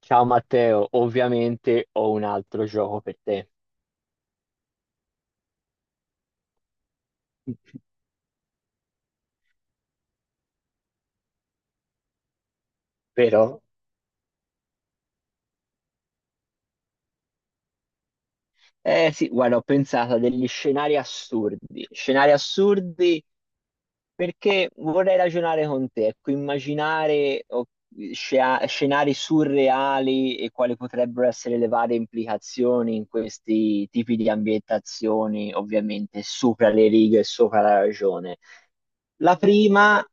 Ciao Matteo, ovviamente ho un altro gioco per te, vero? Eh sì, guarda, ho pensato a degli scenari assurdi perché vorrei ragionare con te, ecco, immaginare oh, scenari surreali e quali potrebbero essere le varie implicazioni in questi tipi di ambientazioni, ovviamente sopra le righe e sopra la ragione. La prima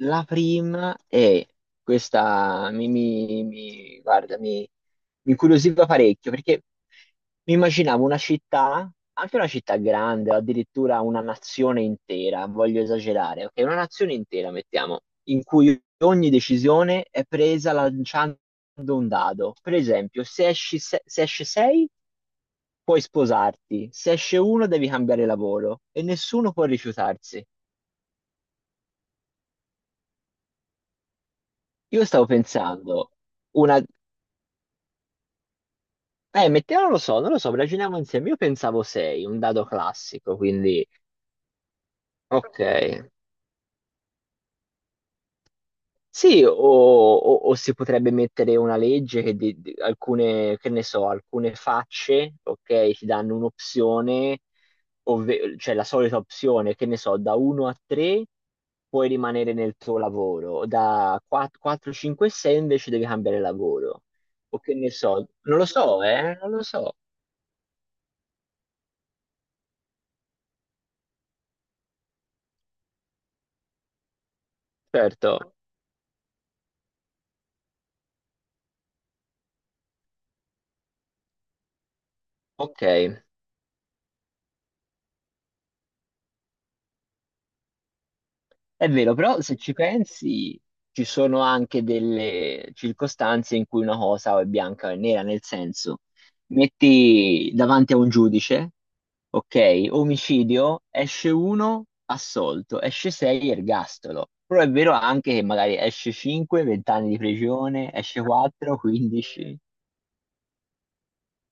La prima è questa, mi incuriosiva parecchio perché mi immaginavo una città, anche una città grande, o addirittura una nazione intera, voglio esagerare, ok? Una nazione intera, mettiamo, in cui ogni decisione è presa lanciando un dado. Per esempio, se esci, se, se esce 6, puoi sposarti, se esce 1 devi cambiare lavoro e nessuno può rifiutarsi. Io stavo pensando. Mettiamo, lo so, non lo so, ragioniamo insieme. Io pensavo 6, un dado classico, quindi ok. Sì, o si potrebbe mettere una legge che alcune, che ne so, alcune facce, ok, ti danno un'opzione, cioè la solita opzione, che ne so, da 1 a 3 puoi rimanere nel tuo lavoro, da 4, 5 e 6 invece devi cambiare lavoro. O che ne so, non lo so, non lo so. Certo, ok. È vero, però se ci pensi, ci sono anche delle circostanze in cui una cosa o è bianca o è nera, nel senso, metti davanti a un giudice, ok, omicidio, esce uno, assolto, esce sei, ergastolo. Però è vero anche che magari esce 5, 20 anni di prigione, esce 4, 15.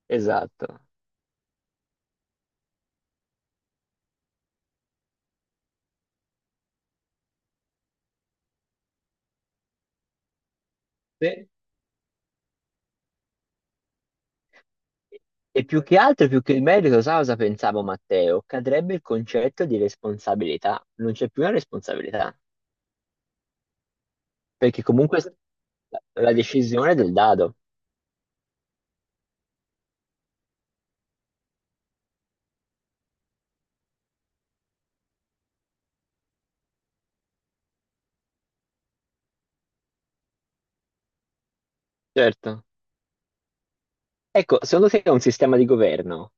Esatto. Sì. E più che altro, più che il merito, sai cosa pensavo, Matteo? Cadrebbe il concetto di responsabilità. Non c'è più una responsabilità, perché comunque la decisione è del dado. Certo. Ecco, secondo te un sistema di governo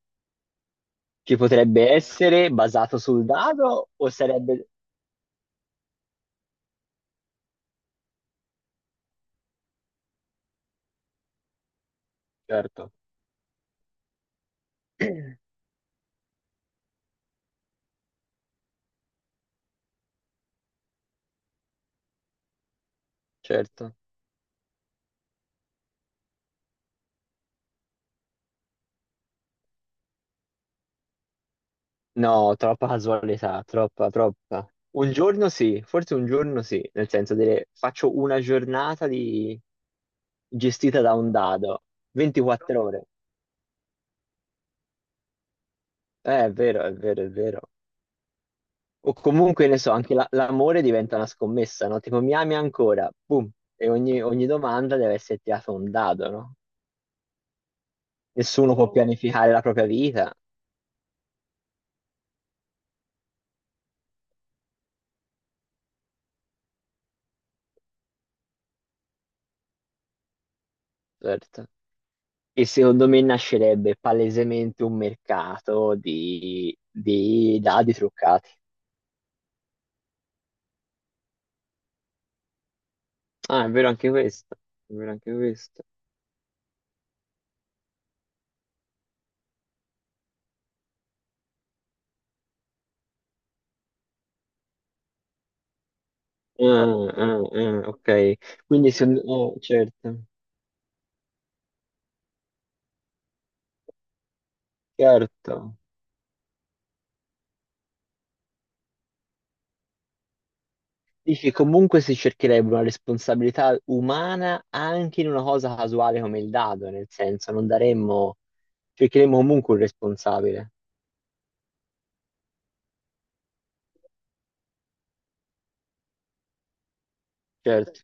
ci potrebbe essere basato sul dado o sarebbe... Certo. Certo. No, troppa casualità, troppa, troppa. Un giorno sì, forse un giorno sì, nel senso, dire faccio una giornata di... gestita da un dado, 24 ore. È vero, è vero, è vero. O comunque, ne so, anche l'amore diventa una scommessa, no? Tipo, mi ami ancora? Boom. E ogni domanda deve essere tirata un dado, no? Nessuno può pianificare la propria vita, certo. E secondo me nascerebbe palesemente un mercato di dadi truccati. Ah, è vero anche questo. È vero anche questo. Ah, ah, ah, ok. Quindi se... oh, certo, certo. Dici, comunque si cercherebbe una responsabilità umana anche in una cosa casuale come il dado, nel senso non daremmo, cercheremmo comunque un responsabile. Certo,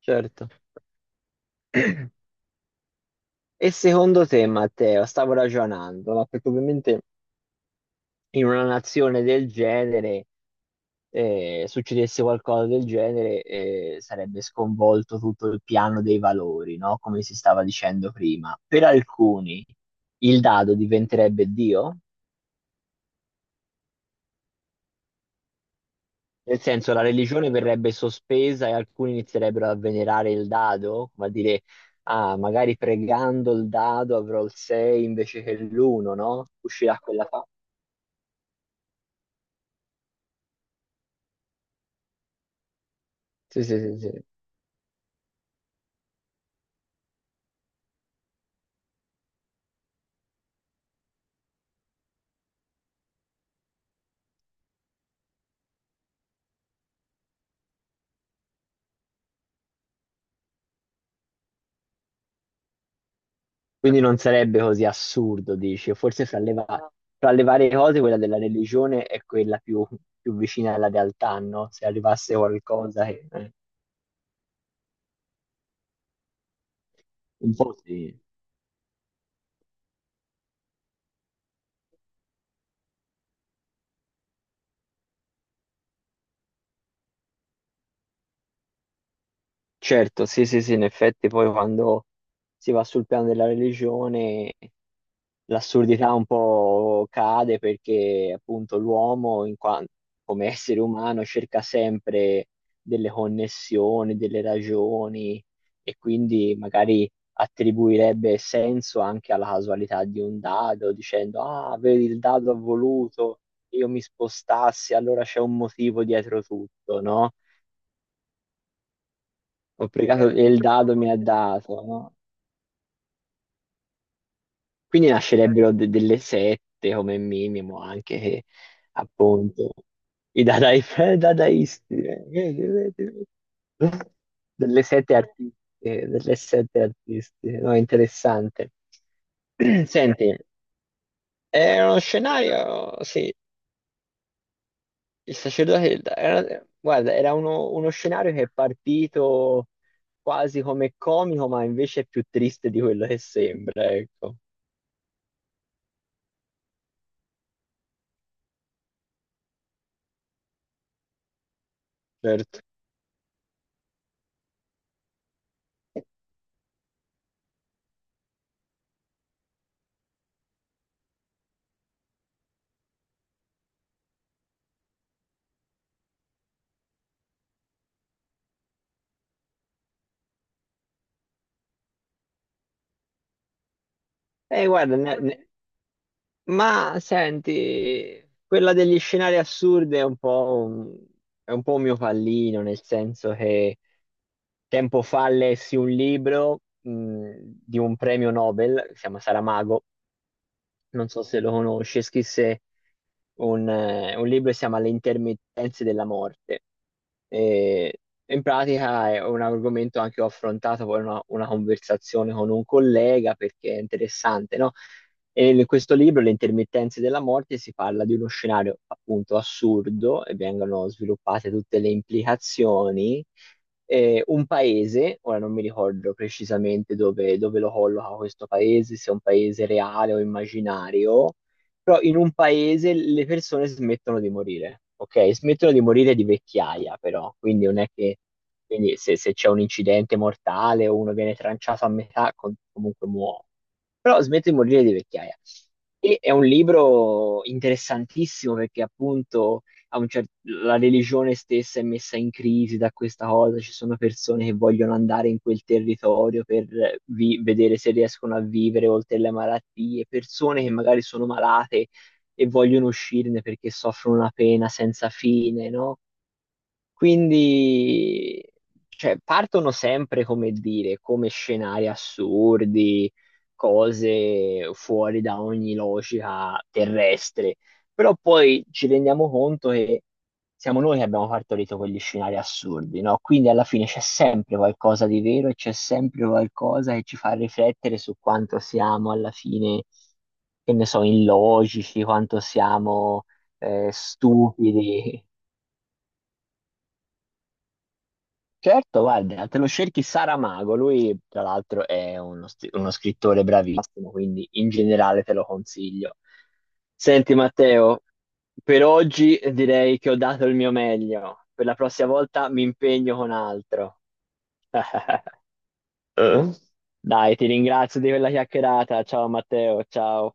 certo. E secondo te, Matteo, stavo ragionando, ma perché ovviamente in una nazione del genere, succedesse qualcosa del genere, sarebbe sconvolto tutto il piano dei valori, no? Come si stava dicendo prima. Per alcuni il dado diventerebbe Dio? Nel senso, la religione verrebbe sospesa e alcuni inizierebbero a venerare il dado, ma dire, ah, magari pregando il dado avrò il 6 invece che l'1, no? Uscirà quella fa. Sì, sì, sì, sì. Quindi non sarebbe così assurdo, dici. O forse fra fra le varie cose quella della religione è quella più, più vicina alla realtà, no? Se arrivasse qualcosa che... un po' sì. Certo, sì, sì, sì, in effetti poi quando si va sul piano della religione l'assurdità un po' cade perché appunto l'uomo come essere umano cerca sempre delle connessioni, delle ragioni e quindi magari attribuirebbe senso anche alla casualità di un dado, dicendo ah, vedi, il dado ha voluto che io mi spostassi, allora c'è un motivo dietro tutto, no? Ho pregato e il dado mi ha dato, no? Quindi nascerebbero delle sette come minimo, anche che appunto i dadaisti, vedi, vedi, vedi. Delle sette artistiche, delle sette artistiche, no, interessante. Senti, è uno scenario, sì, il sacerdote, guarda, era uno, uno scenario che è partito quasi come comico, ma invece è più triste di quello che sembra, ecco, certo. Guarda, ma senti, quella degli scenari assurdi è un po' un, è un po' un mio pallino, nel senso che tempo fa lessi un libro di un premio Nobel, che si chiama Saramago, non so se lo conosce, scrisse un libro che si chiama Le intermittenze della morte. E in pratica è un argomento anche che ho affrontato poi in una conversazione con un collega perché è interessante, no? E in questo libro, Le intermittenze della morte, si parla di uno scenario appunto assurdo e vengono sviluppate tutte le implicazioni. Un paese, ora non mi ricordo precisamente dove, dove lo colloca questo paese, se è un paese reale o immaginario, però in un paese le persone smettono di morire, ok? Smettono di morire di vecchiaia, però, quindi non è che quindi se, se c'è un incidente mortale o uno viene tranciato a metà, comunque muore, però smetto di morire di vecchiaia. E è un libro interessantissimo perché appunto a un la religione stessa è messa in crisi da questa cosa, ci sono persone che vogliono andare in quel territorio per vedere se riescono a vivere oltre le malattie, persone che magari sono malate e vogliono uscirne perché soffrono una pena senza fine, no? Quindi, cioè, partono sempre, come dire, come scenari assurdi, cose fuori da ogni logica terrestre, però poi ci rendiamo conto che siamo noi che abbiamo partorito quegli scenari assurdi, no? Quindi alla fine c'è sempre qualcosa di vero e c'è sempre qualcosa che ci fa riflettere su quanto siamo alla fine, che ne so, illogici, quanto siamo stupidi. Certo, guarda, te lo cerchi Saramago, lui tra l'altro è uno, uno scrittore bravissimo, quindi in generale te lo consiglio. Senti Matteo, per oggi direi che ho dato il mio meglio, per la prossima volta mi impegno con altro. Eh? Dai, ti ringrazio di quella chiacchierata, ciao Matteo, ciao.